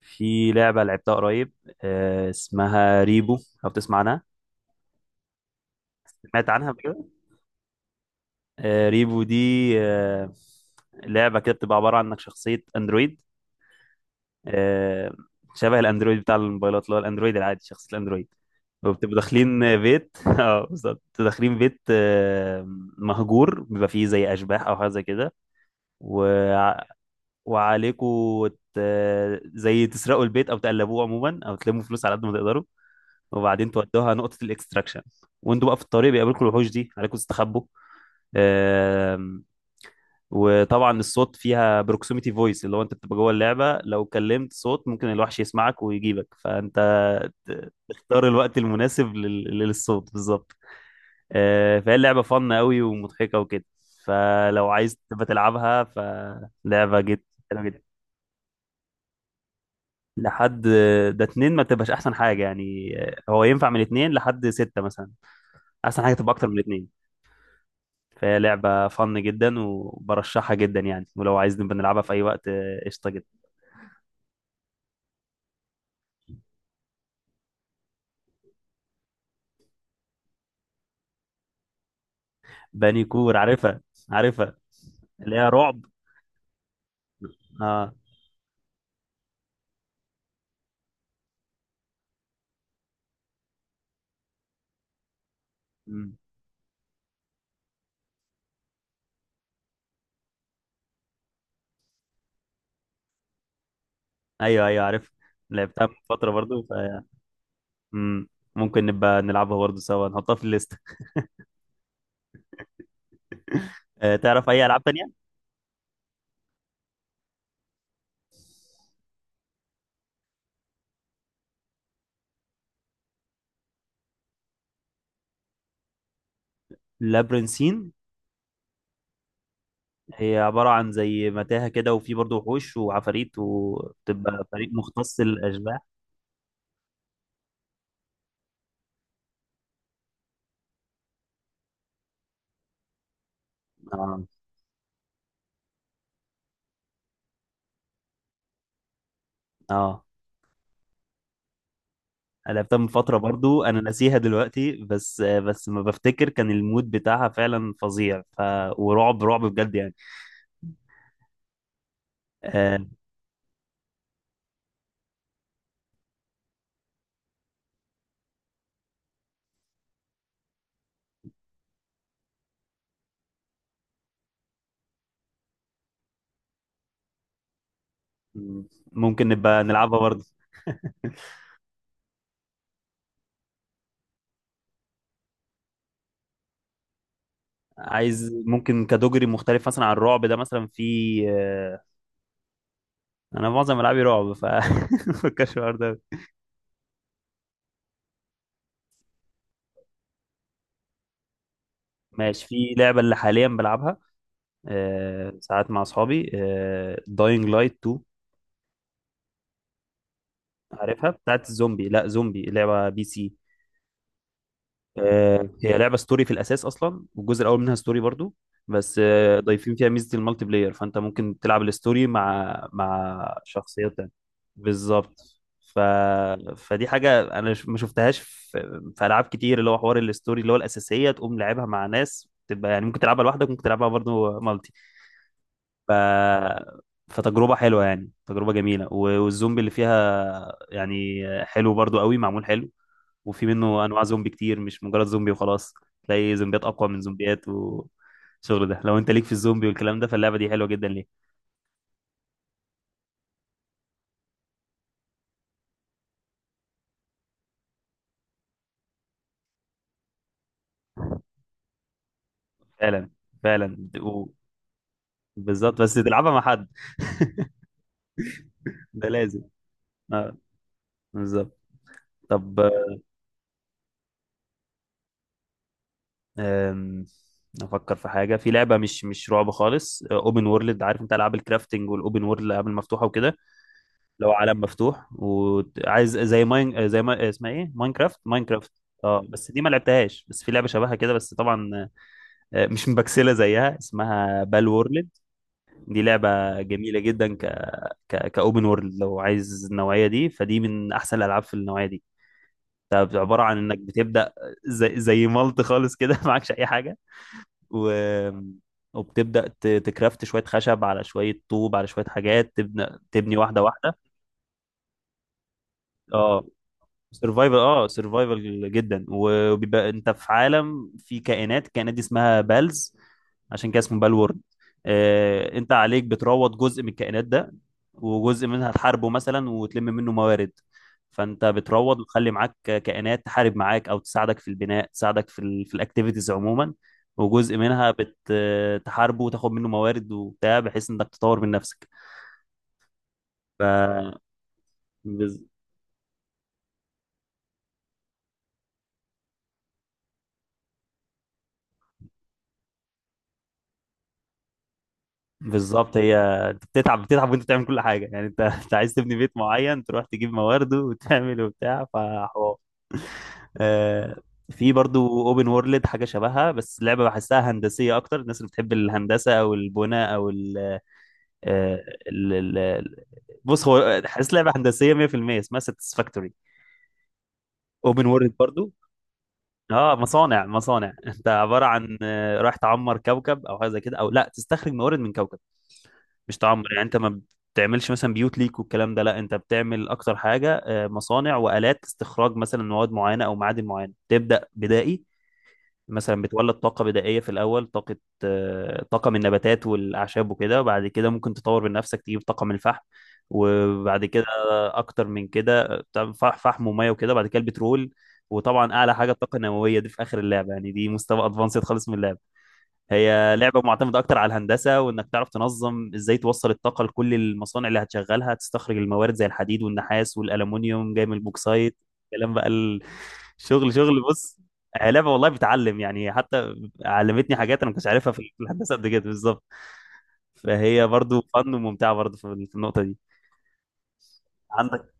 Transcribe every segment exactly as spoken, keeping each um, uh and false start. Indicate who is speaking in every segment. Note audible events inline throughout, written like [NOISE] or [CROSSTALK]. Speaker 1: في لعبة لعبتها قريب، آه، اسمها ريبو. لو بتسمع عنها، سمعت عنها قبل كده. آه، ريبو دي آه، لعبة كده بتبقى عبارة عن انك شخصية اندرويد. آه، شبه الاندرويد بتاع الموبايلات، اللي هو الاندرويد العادي، شخصية الاندرويد. وبتبقوا داخلين بيت [LAUGHS] اه بالظبط، بتبقوا داخلين بيت آه، مهجور، بيبقى فيه زي اشباح او حاجه زي كده. وع- وعليكوا ت- زي تسرقوا البيت او تقلبوه عموما او تلموا فلوس على قد ما تقدروا، وبعدين تودوها نقطة الاكستراكشن. وانتوا بقى في الطريق بيقابلكم الوحوش دي، عليكم تستخبوا. آم، وطبعا الصوت فيها بروكسيميتي فويس، اللي هو انت بتبقى جوه اللعبة لو كلمت صوت ممكن الوحش يسمعك ويجيبك، فانت ت- تختار الوقت المناسب لل- للصوت بالظبط. آه، فهي اللعبة فن قوي ومضحكة وكده، فلو عايز تبقى تلعبها فلعبة جد حلوة جدا. لحد ده اتنين ما تبقاش احسن حاجة يعني، آه، هو ينفع من اتنين لحد ستة مثلا. احسن حاجة تبقى اكتر من اتنين. فهي لعبة فن جدا وبرشحها جدا يعني، ولو عايز نبقى نلعبها في أي وقت آه، قشطة جدا. باني كور عارفها، عارفها، اللي هي رعب. اه. مم. أيوه أيوه، عارف. لعبتها من فترة برضو ف... مم. ممكن نبقى نلعبها برضو سوا، نحطها في الليست. آه تعرف أي ألعاب تانية؟ لابرنسين، هي عبارة عن زي متاهة كده، وفي برضو وحوش وعفاريت، وبتبقى فريق مختص الأشباح. اه اه. أنا لعبتها من فترة برضو، أنا ناسيها دلوقتي، بس بس ما بفتكر كان المود بتاعها فعلا فظيع ف... ورعب رعب بجد يعني. آه، ممكن نبقى نلعبها برضو. [LAUGHS] عايز ممكن كاتيجوري مختلف مثلا عن الرعب ده مثلا، في آه، انا معظم العابي رعب ف [LAUGHS] مفكرش في الحوار ده. ماشي، في لعبه اللي حاليا بلعبها آه، ساعات مع اصحابي، داينج لايت اتنين. عارفها، بتاعت الزومبي. لا، زومبي، لعبه بي سي. آه، هي لعبه ستوري في الاساس اصلا، والجزء الاول منها ستوري برضو، بس آه، ضايفين فيها ميزه المالتي بلاير، فانت ممكن تلعب الستوري مع مع شخصيات تانية. بالظبط. ف... فدي حاجه انا ش- ما شفتهاش في... في العاب كتير، اللي هو حوار الستوري اللي هو الاساسيه تقوم لعبها مع ناس، تبقى يعني ممكن تلعبها لوحدك ممكن تلعبها برضو مالتي. ف... فتجربه حلوه يعني، تجربه جميله، و- والزومبي اللي فيها يعني حلو برضو قوي معمول حلو. وفي منه انواع زومبي كتير، مش مجرد زومبي وخلاص. تلاقي زومبيات اقوى من زومبيات، والشغل ده لو انت ليك في الزومبي والكلام ده، فاللعبه دي حلوه جدا ليه. فعلا فعلا و- بالظبط، بس تلعبها مع حد. ده لازم. اه. بالظبط. طب آم، افكر في حاجه، في لعبه مش مش رعب خالص، اوبن وورلد. عارف انت العاب الكرافتنج والاوبن وورلد، الالعاب المفتوحه وكده؟ لو عالم مفتوح وعايز زي ماين، آه، زي ما آه، اسمها ايه، ماينكرافت، ماينكرافت اه، بس دي ما لعبتهاش، بس في لعبه شبهها كده بس طبعا آه، مش مبكسله زيها، اسمها بال وورلد. دي لعبه جميله جدا، ك ك كاوبن وورلد، لو عايز النوعيه دي، فدي من احسن الالعاب في النوعيه دي. طب عباره عن انك بتبدا زي زي مالت خالص كده [LAUGHS] معكش اي حاجه. و وبتبدا ت- تكرافت شويه خشب على شويه طوب على شويه حاجات، تبني تبني واحده واحده. اه، سرفايفل، اه سرفايفل جدا. وبيبقى انت في عالم في كائنات، الكائنات دي اسمها بالز، عشان كده اسمه بالورد. آه انت عليك بتروض جزء من الكائنات ده، وجزء منها تحاربه مثلا وتلم منه موارد. فانت بتروض وتخلي معاك كائنات تحارب معاك او تساعدك في البناء، تساعدك في ال في الاكتيفيتيز عموما. وجزء منها بتحاربه وتاخد منه موارد وبتاع، بحيث انك تطور من نفسك. ف بالظبط هي، انت بتتعب بتتعب وانت بتعمل كل حاجه يعني، انت [LAUGHS] انت عايز تبني بيت معين تروح تجيب موارده وتعمل وبتاع، فحوار. آه، في برضو اوبن وورلد حاجه شبهها، بس لعبه بحسها هندسيه اكتر، الناس اللي بتحب الهندسه او البناء او ال آه، ال- ال- ال- بص هو حاسس لعبه هندسيه مئة في المئة. اسمها ساتسفاكتوري، اوبن وورلد برضو. اه، مصانع مصانع. [LAUGHS] انت عباره عن آه، رايح تعمر كوكب او حاجه زي كده، او لا تستخرج موارد من كوكب. مش تعمر يعني، انت ما بتعملش مثلا بيوت ليك والكلام ده، لا انت بتعمل اكتر حاجه آه، مصانع والات استخراج مثلا مواد معينه او معادن معينه. تبدا بدائي مثلا، بتولد طاقه بدائيه في الاول، طاقه آه، طاقه من النباتات والاعشاب وكده، وبعد كده ممكن تطور من نفسك تجيب طاقه من الفحم. وبعد كده اكتر من كده بتعمل فح- فحم وميه وكده، بعد كده البترول. وطبعا اعلى حاجه الطاقه النوويه، دي في اخر اللعبه يعني، دي مستوى ادفانسد خالص من اللعبه. هي لعبة معتمدة أكتر على الهندسة، وإنك تعرف تنظم إزاي توصل الطاقة لكل المصانع اللي هتشغلها، تستخرج الموارد زي الحديد والنحاس والألمونيوم جاي من البوكسايت. كلام بقى ال- شغل شغل بص. هي لعبة والله بتعلم يعني، حتى علمتني حاجات أنا ما كنتش عارفها في الهندسة قد كده بالظبط. فهي برضو فن وممتعة برضو في في النقطة دي. عندك.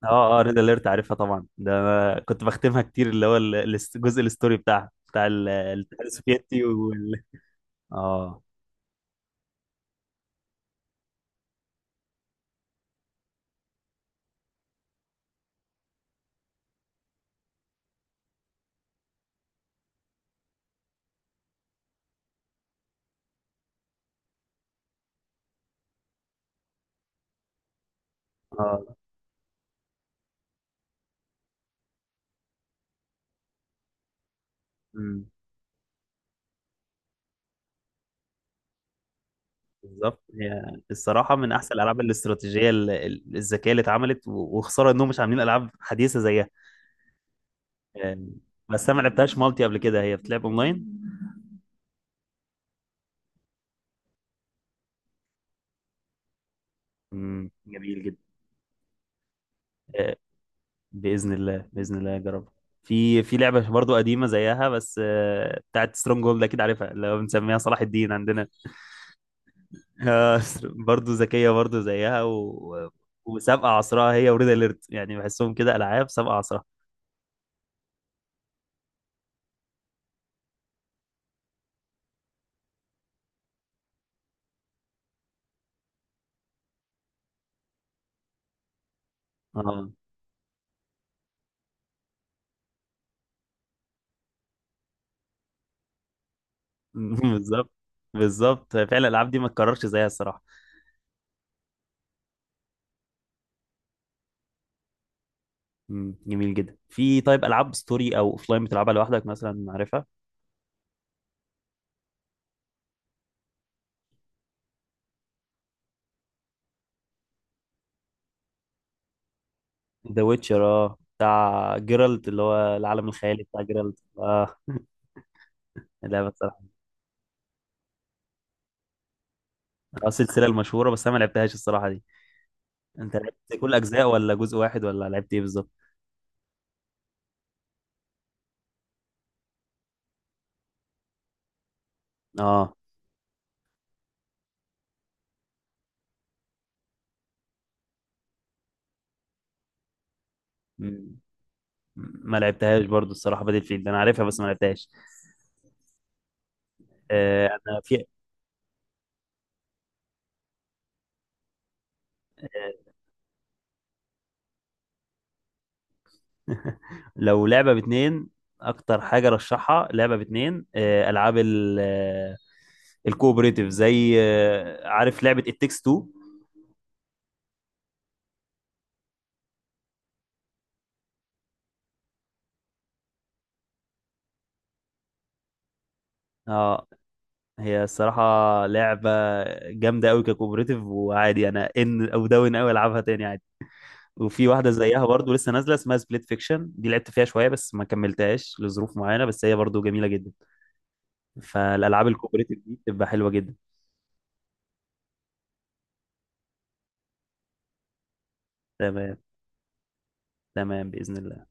Speaker 1: اه اه، ريد اليرت عارفها طبعا ده. أنا كنت بختمها كتير، اللي هو ال- الست- الجزء الستوري بتاعها، بتاع ال- الاتحاد السوفيتي وال. اه اه. مم. بالظبط، هي الصراحة من أحسن الألعاب الاستراتيجية ال- ال- الذكية اللي اتعملت، و- وخسارة إنهم مش عاملين ألعاب حديثة زيها. آم، بس أنا ما لعبتهاش مالتي قبل كده، هي بتلعب أونلاين. مم، جميل جدا. آه، بإذن الله بإذن الله أجربها. في في لعبة برضو قديمة زيها، بس آه، بتاعت سترونج هولد، أكيد عارفها، اللي هو بنسميها صلاح الدين عندنا. [LAUGHS] آه، برضو ذكية برضو زيها و... و... وسابقة عصرها هي وريد أليرت يعني، بحسهم كده ألعاب سابقة عصرها. اه. [LAUGHS] بالظبط بالظبط، فعلا الالعاب دي ما تكررش زيها الصراحه. مم. جميل جدا. في طيب العاب ستوري او اوفلاين بتلعبها لوحدك مثلا عارفها؟ ذا ويتشر، اه بتاع جيرالت، اللي هو العالم الخيالي بتاع جيرالت اه. [LAUGHS] اللعبه الصراحه. اه السلسله المشهوره بس انا ما لعبتهاش الصراحه دي. انت لعبت كل اجزاء ولا جزء واحد ولا لعبت ايه بالظبط؟ اه. مم. ما لعبتهاش برضو الصراحه، بدل فيلد انا عارفها بس ما لعبتهاش. آه، انا في [LAUGHS] لو لعبة باتنين، أكتر حاجة رشحها لعبة باتنين، آه، ألعاب ال- آه، الكوبريتيف، زي آه، عارف لعبة It Takes Two. اه، هي الصراحة لعبة جامدة أوي ككوبريتيف، وعادي أنا إن أو داون أوي ألعبها تاني عادي. وفي واحدة زيها برضو لسه نازلة اسمها سبليت فيكشن، دي لعبت فيها شوية بس ما كملتهاش لظروف معينة، بس هي برضو جميلة جدا. فالألعاب الكوبريتيف دي بتبقى حلوة جدا. تمام. تمام بإذن الله.